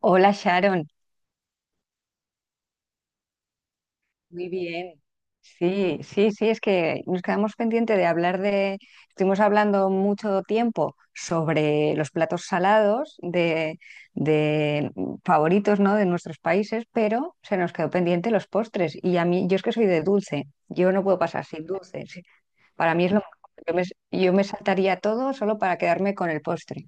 Hola Sharon, muy bien. Sí, sí, sí, es que nos quedamos pendiente de hablar de, estuvimos hablando mucho tiempo sobre los platos salados de, de favoritos, ¿no? De nuestros países, pero se nos quedó pendiente los postres. Y a mí, yo es que soy de dulce, yo no puedo pasar sin dulce. Sí. Para mí es lo mejor. Yo me, yo me saltaría todo solo para quedarme con el postre.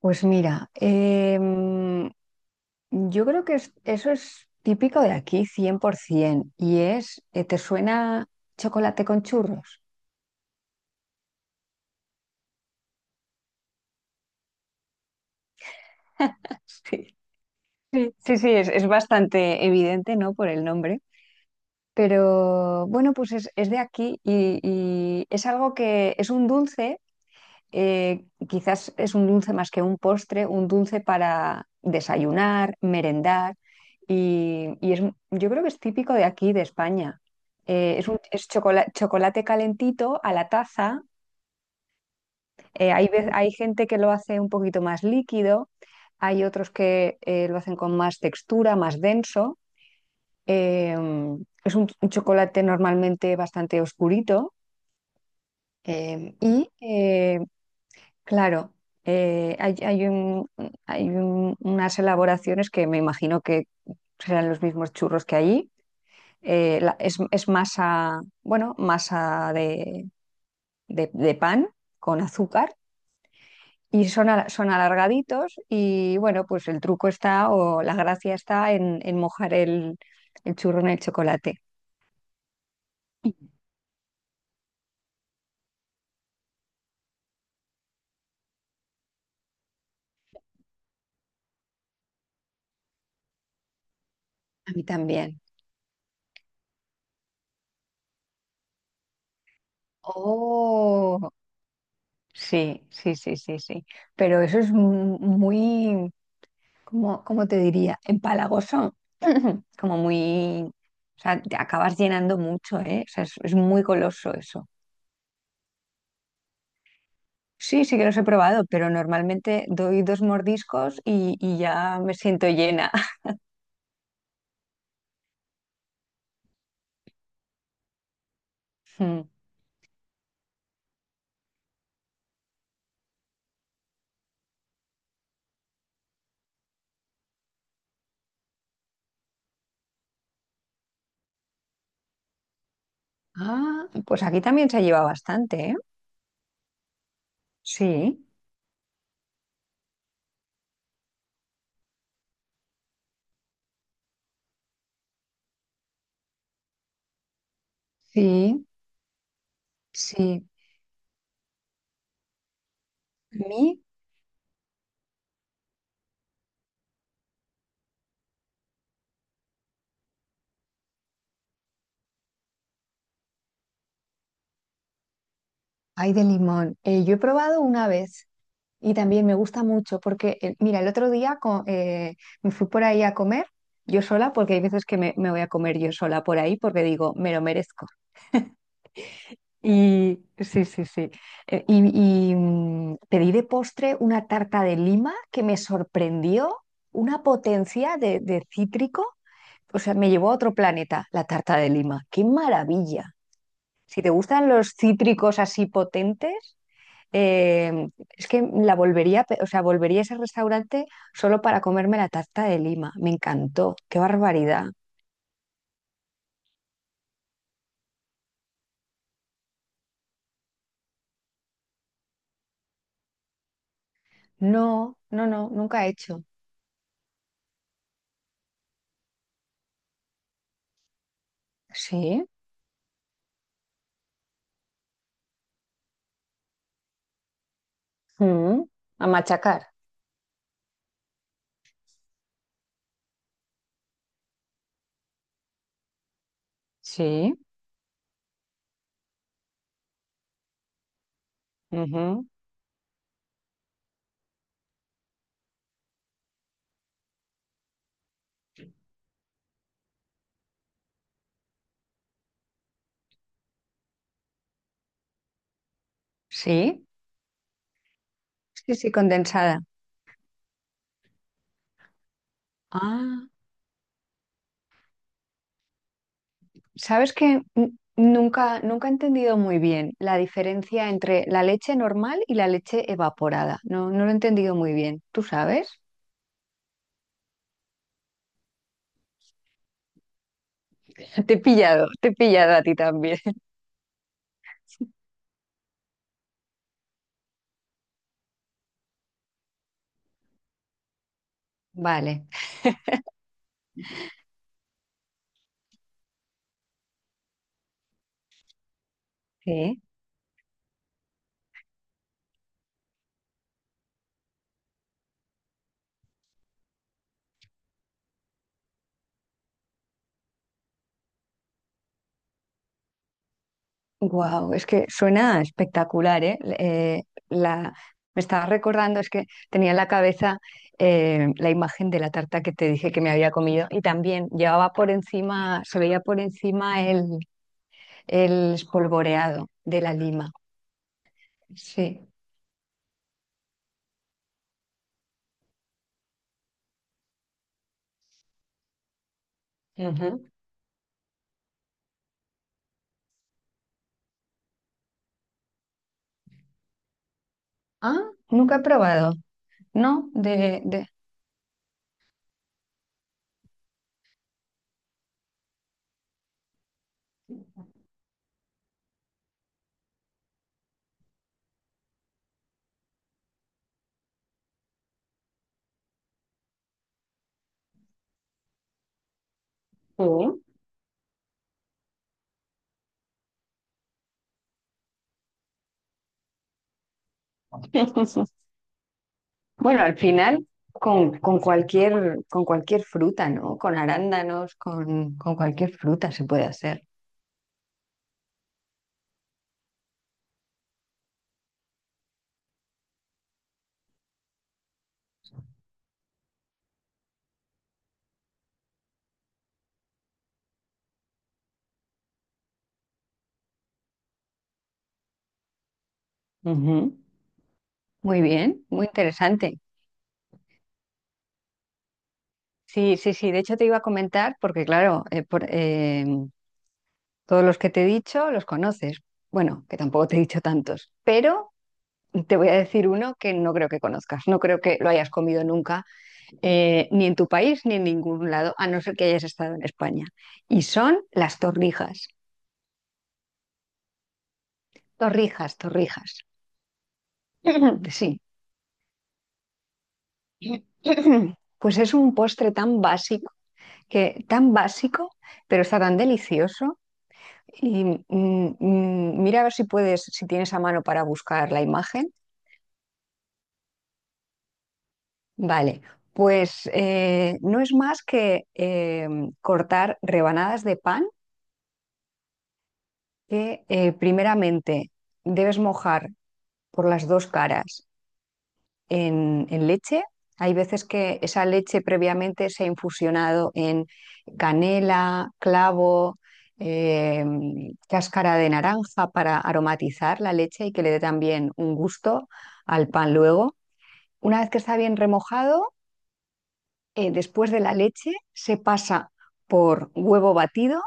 Pues mira, yo creo que eso es típico de aquí, 100%, y es, ¿te suena chocolate con churros? Sí, sí, sí, sí, es bastante evidente, ¿no? Por el nombre. Pero bueno, pues es de aquí y es algo que es un dulce. Quizás es un dulce más que un postre, un dulce para desayunar, merendar, y es, yo creo que es típico de aquí, de España. Es un, es chocolate calentito a la taza. Hay, hay gente que lo hace un poquito más líquido, hay otros que lo hacen con más textura, más denso. Eh, es un chocolate normalmente bastante oscurito. eh, y eh, Claro, hay, hay unas elaboraciones que me imagino que serán los mismos churros que allí. Es masa, bueno, masa de, de pan con azúcar y son, son alargaditos y bueno, pues el truco está o la gracia está en mojar el churro en el chocolate. A mí también. Oh, sí, sí, sí, sí, sí. Pero eso es muy... Como, ¿cómo te diría? Empalagoso, como muy, o sea, te acabas llenando mucho, ¿eh? O sea, es muy goloso eso. Sí, sí que los he probado, pero normalmente doy dos mordiscos y ya me siento llena. Mm. Ah, pues aquí también se lleva bastante, ¿eh? Sí, sí, sí. A mí hay de limón. Yo he probado una vez. Y también me gusta mucho porque, mira, el otro día me fui por ahí a comer yo sola, porque hay veces que me voy a comer yo sola por ahí porque digo, me lo merezco. Y sí, sí, sí. Eh, y Pedí de postre una tarta de lima que me sorprendió, una potencia de cítrico. O sea, me llevó a otro planeta la tarta de lima. ¡Qué maravilla! Si te gustan los cítricos así potentes, es que la volvería, o sea, volvería a ese restaurante solo para comerme la tarta de Lima. Me encantó. ¡Qué barbaridad! No, no, no, nunca he hecho. Sí. Mm, a machacar. Sí, ujú. Sí, sí, sí, condensada. Ah, ¿sabes que nunca, nunca he entendido muy bien la diferencia entre la leche normal y la leche evaporada? No, no lo he entendido muy bien. ¿Tú sabes? Te he pillado a ti también. Vale, sí. Wow, es que suena espectacular, ¿eh? La, Me estaba recordando, es que tenía en la cabeza la imagen de la tarta que te dije que me había comido y también llevaba por encima, se veía por encima el espolvoreado de la lima. Sí. Ujú. Ah, nunca he probado, ¿no? De... Sí. Bueno, al final con cualquier fruta, ¿no? Con arándanos, con cualquier fruta se puede hacer. Ujú. Muy bien, muy interesante. Sí, sí, sí. De hecho, te iba a comentar, porque claro, todos los que te he dicho los conoces. Bueno, que tampoco te he dicho tantos, pero te voy a decir uno que no creo que conozcas, no creo que lo hayas comido nunca, ni en tu país ni en ningún lado, a no ser que hayas estado en España. Y son las torrijas. Torrijas, torrijas. Sí. Pues es un postre tan básico, que tan básico, pero está tan delicioso. Mira a ver si puedes, si tienes a mano para buscar la imagen. Vale, pues no es más que cortar rebanadas de pan que primeramente debes mojar por las dos caras en leche. Hay veces que esa leche previamente se ha infusionado en canela, clavo, eh, cáscara de naranja para aromatizar la leche y que le dé también un gusto al pan luego. Una vez que está bien remojado, después de la leche se pasa por huevo batido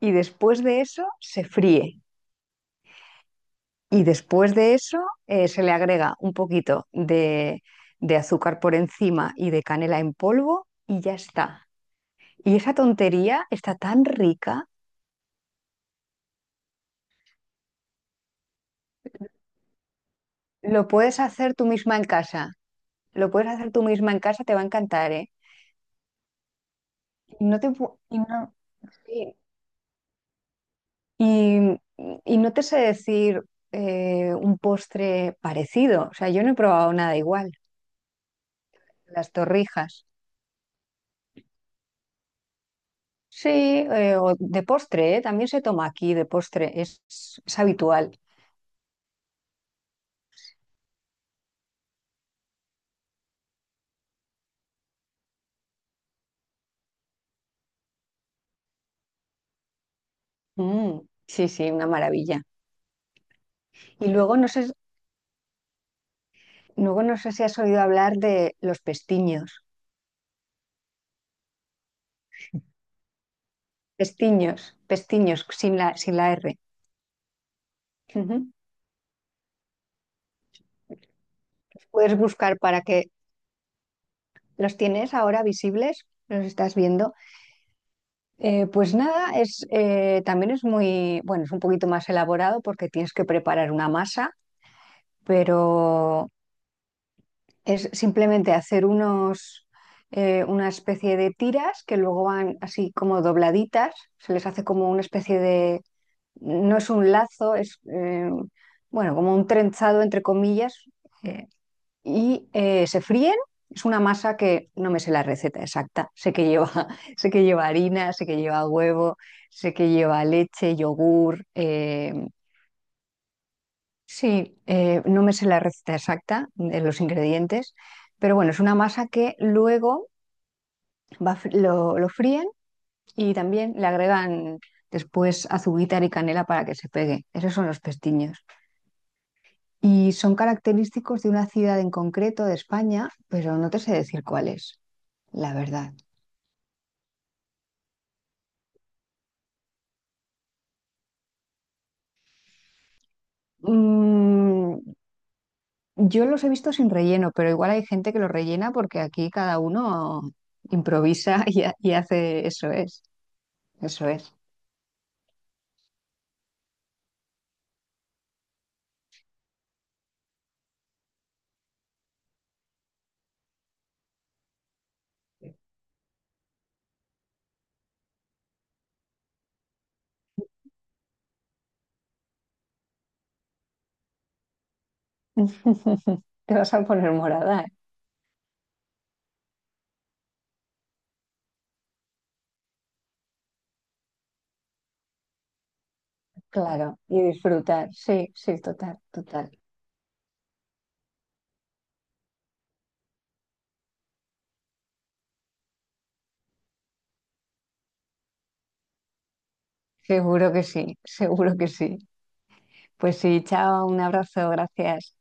y después de eso se fríe. Y después de eso se le agrega un poquito de azúcar por encima y de canela en polvo y ya está. Y esa tontería está tan rica, lo puedes hacer tú misma en casa. Lo puedes hacer tú misma en casa, te va a encantar, ¿eh? Y no, sí. Y- y no te sé decir un postre parecido. O sea, yo no he probado nada igual. Las torrijas. Sí, o de postre, ¿eh? También se toma aquí de postre, es habitual. Mm, sí, sí, una maravilla. Y luego no sé si has oído hablar de los pestiños. Pestiños, pestiños, sin la, sin la R. Ujú. Puedes buscar para que los tienes ahora visibles, los estás viendo. Pues nada, es, también es muy, bueno, es un poquito más elaborado porque tienes que preparar una masa, pero es simplemente hacer unos, una especie de tiras que luego van así como dobladitas, se les hace como una especie de... No es un lazo, es bueno, como un trenzado entre comillas, eh, se fríen. Es una masa que no me sé la receta exacta. Sé que lleva, sé que lleva harina, sé que lleva huevo, sé que lleva leche, yogur. Sí, no me sé la receta exacta de los ingredientes, pero bueno, es una masa que luego lo fríen y también le agregan después azúcar y canela para que se pegue. Esos son los pestiños. Y son característicos de una ciudad en concreto de España, pero no te sé decir cuál es, la verdad. Mm, yo los he visto sin relleno, pero igual hay gente que los rellena porque aquí cada uno improvisa y hace eso es, eso es. Te vas a poner morada, ¿eh? Claro, y disfrutar. Sí, sí, total, total. Seguro que sí, seguro que sí. Pues sí, chao, un abrazo, gracias.